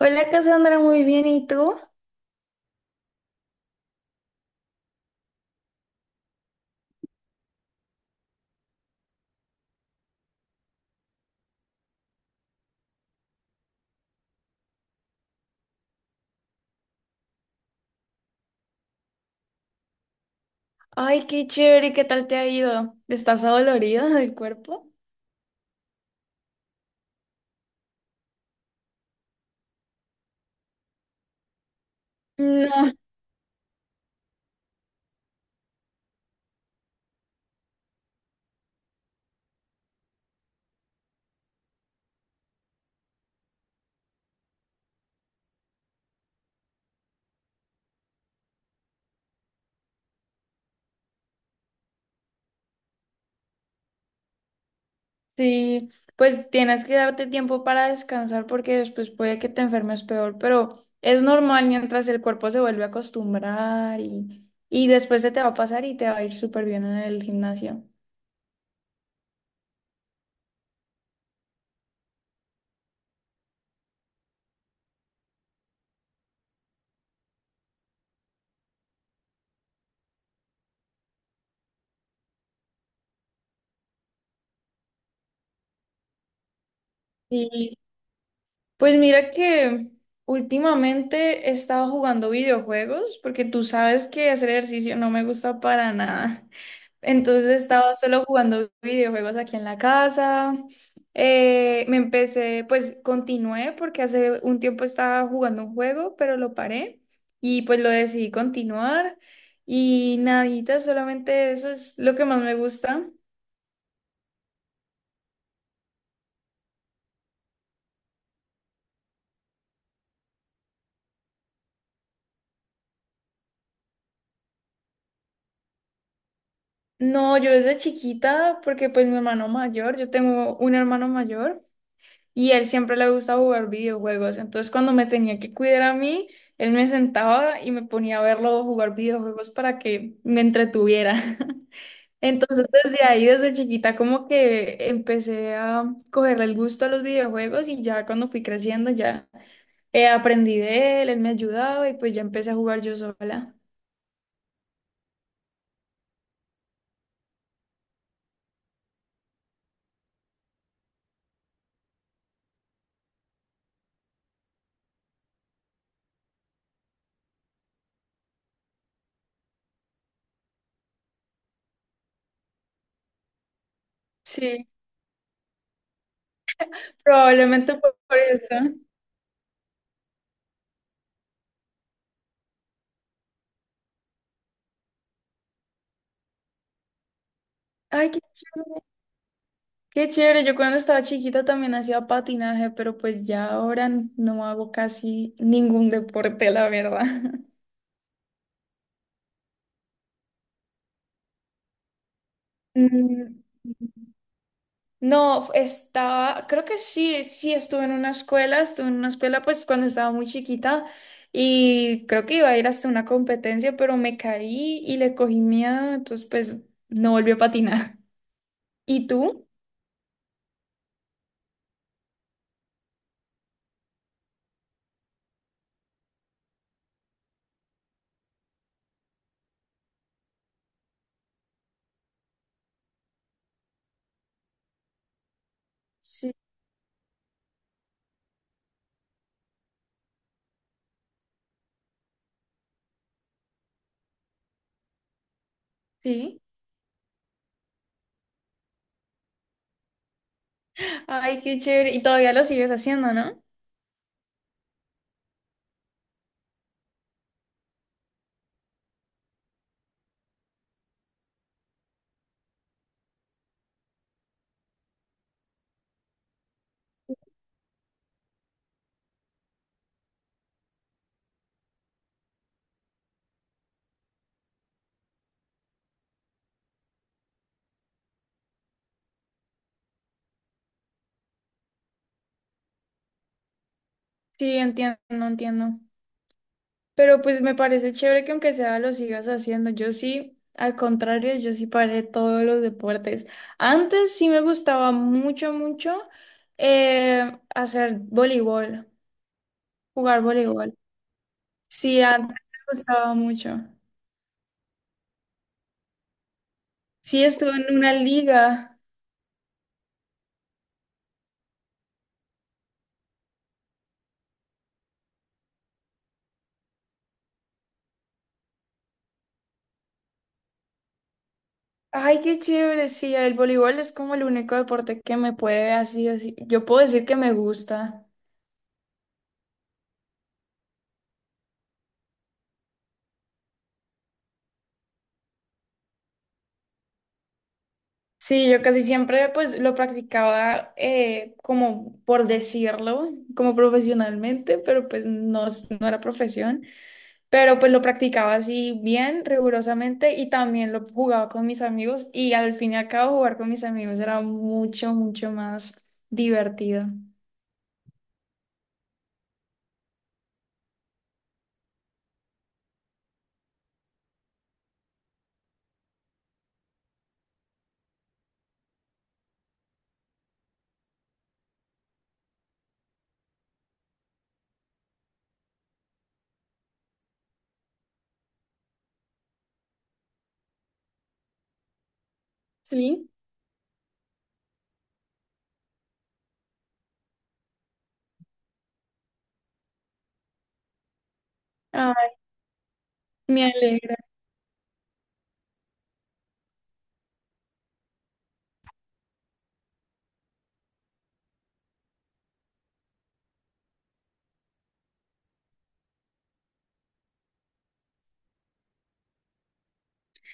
Hola Cassandra, muy bien, ¿y tú? Ay, qué chévere, ¿qué tal te ha ido? ¿Estás adolorida del cuerpo? No, sí, pues tienes que darte tiempo para descansar porque después puede que te enfermes peor, pero es normal mientras el cuerpo se vuelve a acostumbrar y después se te va a pasar y te va a ir súper bien en el gimnasio. Sí. Pues mira que últimamente he estado jugando videojuegos porque tú sabes que hacer ejercicio no me gusta para nada. Entonces he estado solo jugando videojuegos aquí en la casa. Pues continué porque hace un tiempo estaba jugando un juego, pero lo paré y pues lo decidí continuar. Y nadita, solamente eso es lo que más me gusta. No, yo desde chiquita, porque pues mi hermano mayor, yo tengo un hermano mayor. Y a él siempre le gusta jugar videojuegos. Entonces, cuando me tenía que cuidar a mí, él me sentaba y me ponía a verlo jugar videojuegos para que me entretuviera. Entonces, desde ahí, desde chiquita, como que empecé a cogerle el gusto a los videojuegos y ya cuando fui creciendo, ya aprendí de él, él me ayudaba y pues ya empecé a jugar yo sola. Sí, probablemente fue por eso. Ay, qué chévere. Qué chévere, yo cuando estaba chiquita también hacía patinaje, pero pues ya ahora no hago casi ningún deporte, la verdad. Mm, No, estaba, creo que sí, sí estuve en una escuela, estuve en una escuela pues cuando estaba muy chiquita y creo que iba a ir hasta una competencia, pero me caí y le cogí miedo, entonces pues no volví a patinar. ¿Y tú? Sí, sí. Ay, qué chévere. Y todavía lo sigues haciendo, ¿no? Sí, entiendo, entiendo. Pero pues me parece chévere que aunque sea lo sigas haciendo. Yo sí, al contrario, yo sí paré todos los deportes. Antes sí me gustaba mucho, mucho hacer voleibol, jugar voleibol. Sí, antes me gustaba mucho. Sí, estuve en una liga. Ay, qué chévere. Sí, el voleibol es como el único deporte que me puede así, así. Yo puedo decir que me gusta. Sí, yo casi siempre pues lo practicaba como por decirlo, como profesionalmente, pero pues no, no era profesión, pero pues lo practicaba así bien, rigurosamente y también lo jugaba con mis amigos y al fin y al cabo jugar con mis amigos era mucho, mucho más divertido. Sí. Ay, me alegro.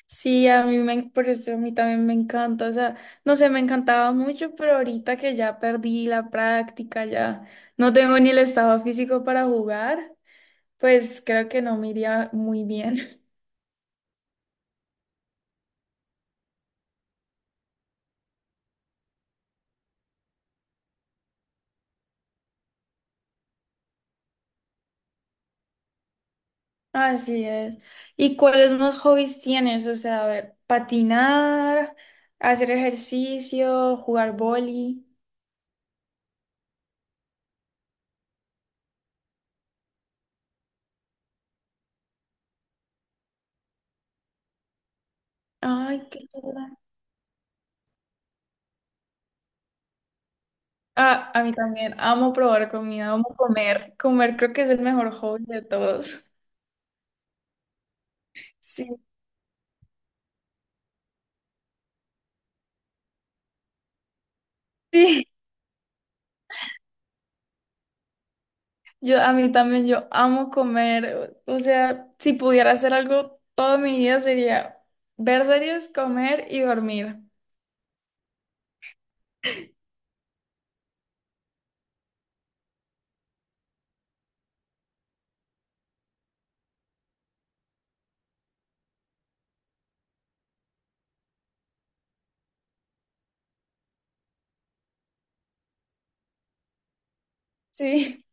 Sí, a mí me, por eso a mí también me encanta, o sea, no sé, me encantaba mucho, pero ahorita que ya perdí la práctica, ya no tengo ni el estado físico para jugar, pues creo que no me iría muy bien. Así es. ¿Y cuáles más hobbies tienes? O sea, a ver, patinar, hacer ejercicio, jugar boli. Ay, qué chévere. Ah, a mí también, amo probar comida, amo comer. Comer creo que es el mejor hobby de todos. Sí. Sí. Yo, a mí también, yo amo comer. O sea, si pudiera hacer algo toda mi vida sería ver series, comer y dormir. Sí,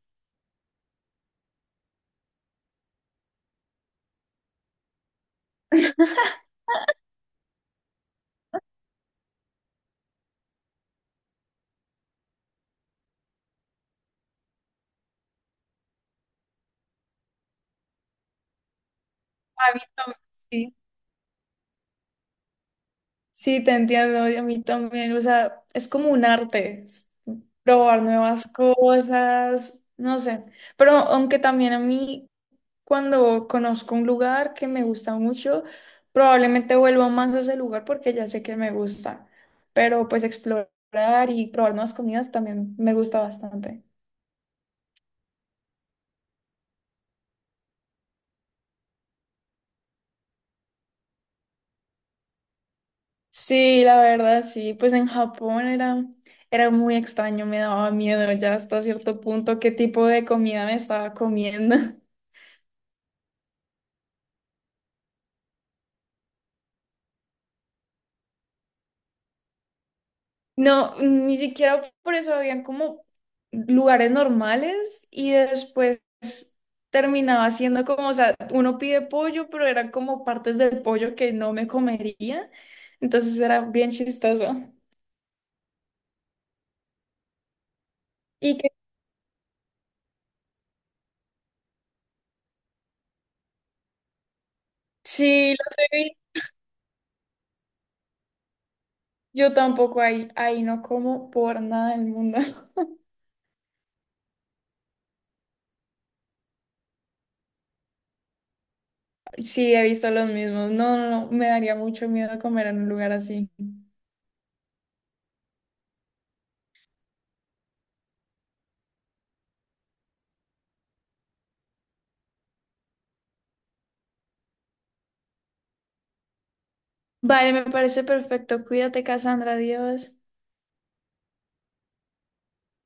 a mí también, sí. Sí, te entiendo, y a mí también. O sea, es como un arte, es probar nuevas cosas, no sé. Pero aunque también a mí cuando conozco un lugar que me gusta mucho, probablemente vuelvo más a ese lugar porque ya sé que me gusta. Pero pues explorar y probar nuevas comidas también me gusta bastante. Sí, la verdad, sí. Pues en Japón era, era muy extraño, me daba miedo ya hasta cierto punto qué tipo de comida me estaba comiendo. No, ni siquiera por eso habían como lugares normales y después terminaba siendo como, o sea, uno pide pollo, pero eran como partes del pollo que no me comería. Entonces era bien chistoso. Y que sí, lo sé, yo tampoco ahí, ahí no como por nada del mundo. Sí, he visto los mismos. No, no, no, me daría mucho miedo comer en un lugar así. Vale, me parece perfecto. Cuídate, Cassandra, adiós.